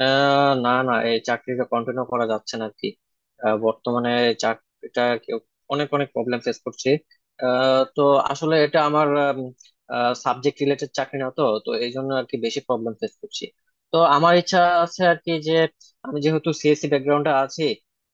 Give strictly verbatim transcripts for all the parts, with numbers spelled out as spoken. আহ না না, এই চাকরিটা কন্টিনিউ করা যাচ্ছে না আর কি। আহ, বর্তমানে এই চাকরিটা আর কি অনেক অনেক প্রবলেম ফেস করছি। আহ, তো আসলে এটা আমার সাবজেক্ট রিলেটেড চাকরি না, তো তো এই জন্য আর কি বেশি প্রবলেম ফেস করছি। তো আমার ইচ্ছা আছে আর কি যে, আমি যেহেতু সিএসসি ব্যাকগ্রাউন্ডে আছি,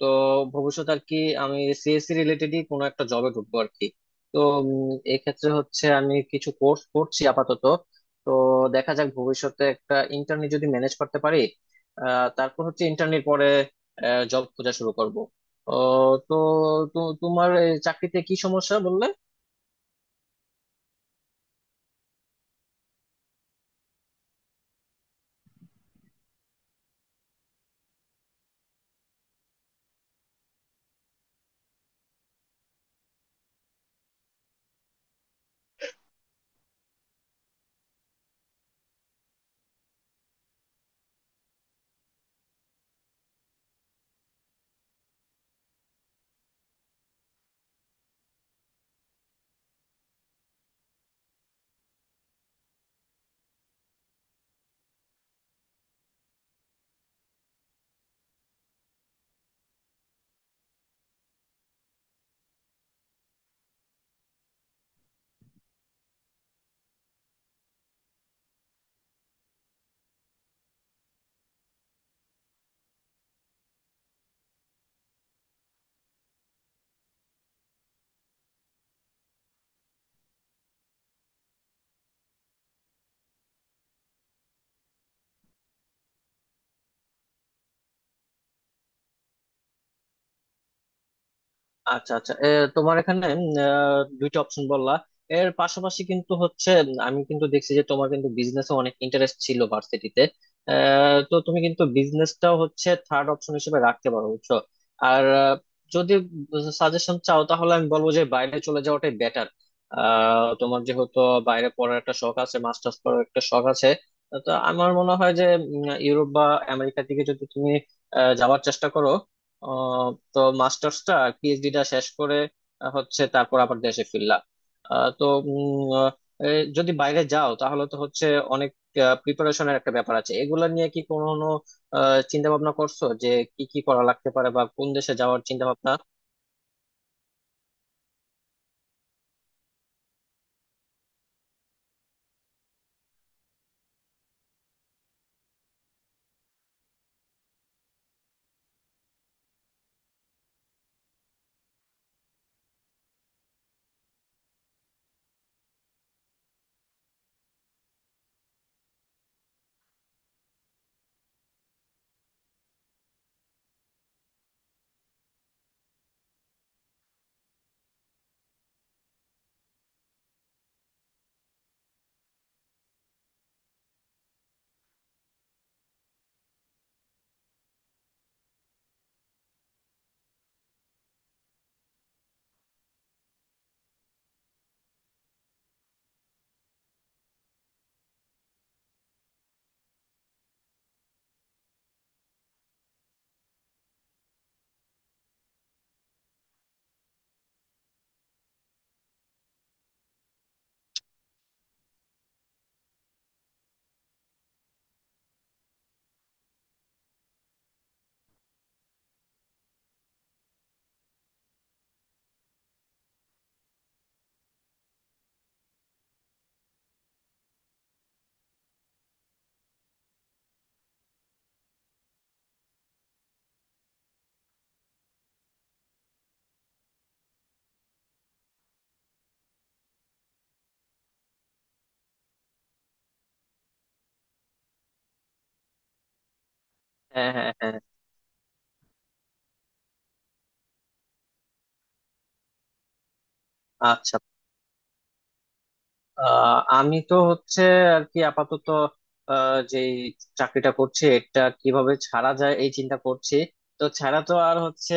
তো ভবিষ্যতে আর কি আমি সিএসসি রিলেটেডই কোনো একটা জবে ঢুকবো আর কি। তো উম, এক্ষেত্রে হচ্ছে আমি কিছু কোর্স করছি আপাতত। তো দেখা যাক, ভবিষ্যতে একটা ইন্টার্নি যদি ম্যানেজ করতে পারি। আহ, তারপর হচ্ছে ইন্টার্নের পরে জব খোঁজা শুরু করব। তো তো তোমার এই চাকরিতে কি সমস্যা বললে? আচ্ছা আচ্ছা, এ, তোমার এখানে উম, আহ, দুইটা অপশন বললা। এর পাশাপাশি কিন্তু হচ্ছে, উম, আমি কিন্তু দেখছি যে তোমার কিন্তু বিজনেসে অনেক ইন্টারেস্ট ছিল ভার্সিটিতে। তো তুমি কিন্তু বিজনেসটাও হচ্ছে থার্ড অপশন হিসেবে রাখতে পারো, বুঝছো। আর আহ, যদি সাজেশন চাও তাহলে আমি বলবো যে বাইরে চলে যাওয়াটাই বেটার। তোমার যেহেতু বাইরে পড়ার একটা শখ আছে, মাস্টার্স করার একটা শখ আছে, তো আমার মনে হয় যে উম, ইউরোপ বা আমেরিকার দিকে যদি তুমি আহ, যাওয়ার চেষ্টা করো। আহ, তো মাস্টার্সটা, পিএইচডিটা শেষ করে আহ, হচ্ছে তারপর আবার দেশে ফিরলাম। আহ, তো উম, আহ, এ, যদি বাইরে যাও তাহলে তো হচ্ছে অনেক প্রিপারেশনের একটা ব্যাপার আছে। এগুলা নিয়ে কি কোনো চিন্তা ভাবনা করছো যে কি কি করা লাগতে পারে, বা কোন দেশে যাওয়ার চিন্তা ভাবনা? হ্যাঁ হ্যাঁ হ্যাঁ। আচ্ছা। আহ আমি তো হচ্ছে আর কি আপাতত আহ, যে চাকরিটা করছি এটা কিভাবে ছাড়া যায় এই চিন্তা করছি। তো ছাড়া তো আর হচ্ছে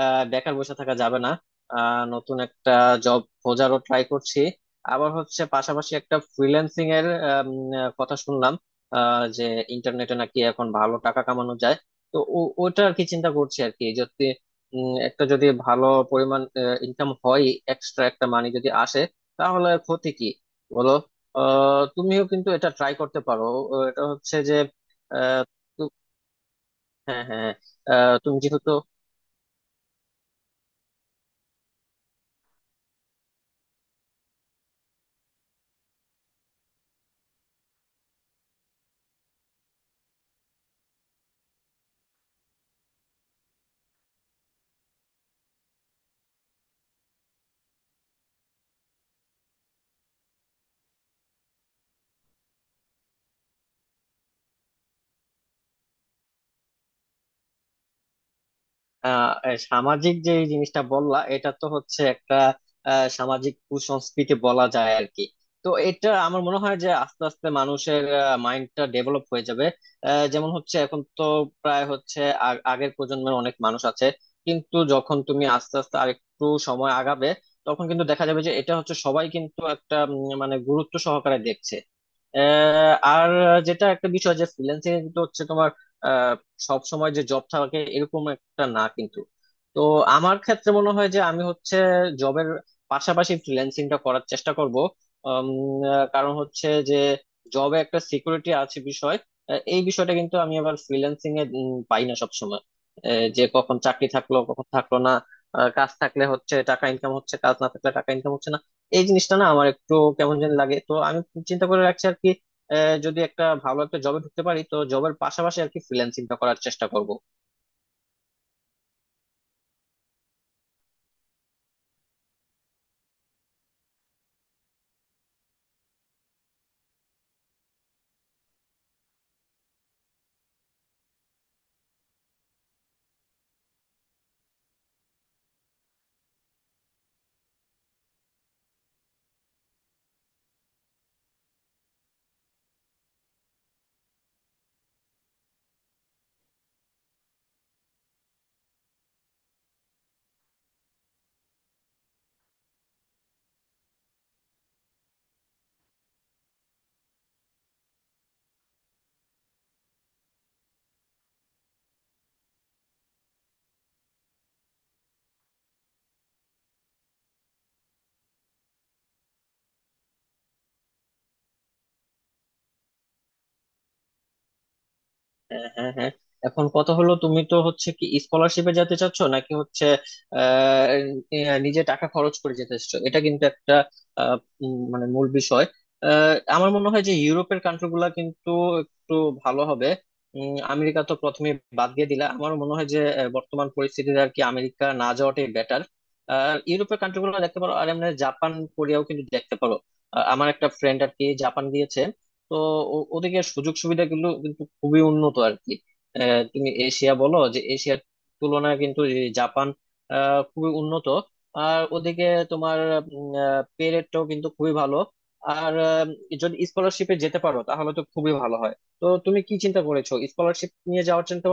আহ, বেকার বসে থাকা যাবে না। আহ, নতুন একটা জব খোঁজারও ট্রাই করছি। আবার হচ্ছে পাশাপাশি একটা ফ্রিল্যান্সিং এর আম, আহ, কথা শুনলাম আহ, যে ইন্টারনেটে নাকি এখন ভালো টাকা কামানো যায়। তো ও- ওটা আর কি চিন্তা করছি আর কি, যদি উম, একটা যদি ভালো পরিমাণ ইনকাম হয়, এক্সট্রা একটা মানি যদি আসে, তাহলে ক্ষতি কি বলো। আহ, তুমিও কিন্তু এটা ট্রাই করতে পারো। আহ, এটা হচ্ছে যে আহ, তু- হ্যাঁ হ্যাঁ। আহ, তুমি যেহেতু আহ এ সামাজিক যে এই জিনিসটা বললা, এটা তো হচ্ছে একটা আহ, সামাজিক কুসংস্কৃতি বলা যায় আর কি। তো এটা আমার মনে হয় যে আস্তে আস্তে মানুষের মাইন্ডটা ডেভেলপ হয়ে যাবে। আহ, যেমন হচ্ছে এখন তো প্রায় হচ্ছে আগ- আগের প্রজন্মের অনেক মানুষ আছে, কিন্তু যখন তুমি আস্তে আস্তে আরেকটু সময় আগাবে, তখন কিন্তু দেখা যাবে যে এটা হচ্ছে সবাই কিন্তু একটা উম, মানে গুরুত্ব সহকারে দেখছে। আহ, আর যেটা একটা বিষয়, যে ফ্রিল্যান্সিং এ কিন্তু হচ্ছে তোমার সব সময় যে জব থাকে এরকম একটা না কিন্তু। তো আমার ক্ষেত্রে মনে হয় যে আমি হচ্ছে জবের পাশাপাশি ফ্রিল্যান্সিংটা করার চেষ্টা করব। উম, আহ, কারণ হচ্ছে যে জবে একটা সিকিউরিটি আছে বিষয়। আহ, এই বিষয়টা কিন্তু আমি আবার ফ্রিল্যান্সিং এ উম, পাই না সবসময়। আহ, যে কখন চাকরি থাকলো কখন থাকলো না। আহ, কাজ থাকলে হচ্ছে টাকা ইনকাম হচ্ছে, কাজ না থাকলে টাকা ইনকাম হচ্ছে না। এই জিনিসটা না আমার একটু কেমন যেন লাগে, তো আমি চিন্তা করে রাখছি আর কি। আহ, যদি একটা ভালো একটা জবে ঢুকতে পারি, তো জবের পাশাপাশি আর কি ফ্রিল্যান্সিংটা করার চেষ্টা করব। হ্যাঁ হ্যাঁ হ্যাঁ। এখন কথা হলো, তুমি তো হচ্ছে কি স্কলারশিপে যেতে চাচ্ছ নাকি হচ্ছে আহ আহ, নিজে টাকা খরচ করে যেতে চাচ্ছ, এটা কিন্তু একটা আহ, উম, মানে মূল বিষয়। আহ, আমার মনে হয় যে ইউরোপের কান্ট্রি গুলা কিন্তু একটু ভালো হবে। উম, আমেরিকা তো প্রথমে বাদ দিয়ে দিলা, আমার মনে হয় যে আহ, বর্তমান পরিস্থিতিতে আর কি আমেরিকা না যাওয়াটাই বেটার। আর ইউরোপের কান্ট্রি গুলো দেখতে পারো, আর এমনি জাপান কোরিয়াও কিন্তু দেখতে পারো। আহ, আমার একটা ফ্রেন্ড আর কি জাপান গিয়েছে। তো ও- ওদিকে সুযোগ সুবিধা কিন্তু কিন্তু খুবই উন্নত আর কি। আহ, তুমি এশিয়া বলো, যে এশিয়ার তুলনায় কিন্তু এই জাপান আহ, খুবই উন্নত। আর ওদিকে তোমার পে রেটটাও কিন্তু খুবই ভালো। আর আহ, যদি স্কলারশিপে যেতে পারো তাহলে তো খুবই ভালো হয়। তো তুমি কি চিন্তা করেছো স্কলারশিপ নিয়ে যাওয়ার চিন্তা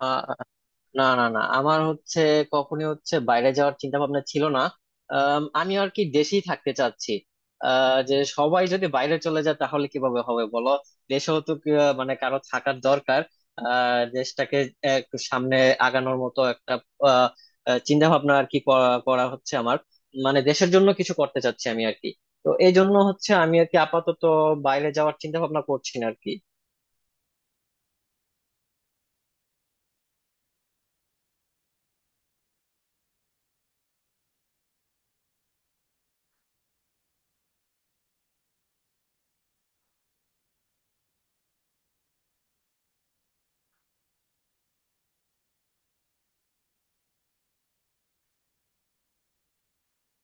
ভাবনা? না না না, আমার হচ্ছে কখনই হচ্ছে বাইরে যাওয়ার চিন্তা ভাবনা ছিল না। আম, আমি আর কি দেশেই থাকতে চাচ্ছি। আহ, যে সবাই যদি বাইরে চলে যায় তাহলে কিভাবে হবে বলো। দেশেও তো কি, আহ, মানে কারো থাকার দরকার। আহ, দেশটাকে একটু সামনে আগানোর মতো একটা আহ, আহ, চিন্তা ভাবনা আর কি করা করা হচ্ছে আমার। মানে দেশের জন্য কিছু করতে চাচ্ছি আমি আর কি। তো এই জন্য হচ্ছে আমি আর কি আপাতত বাইরে যাওয়ার চিন্তা ভাবনা করছি না আর কি।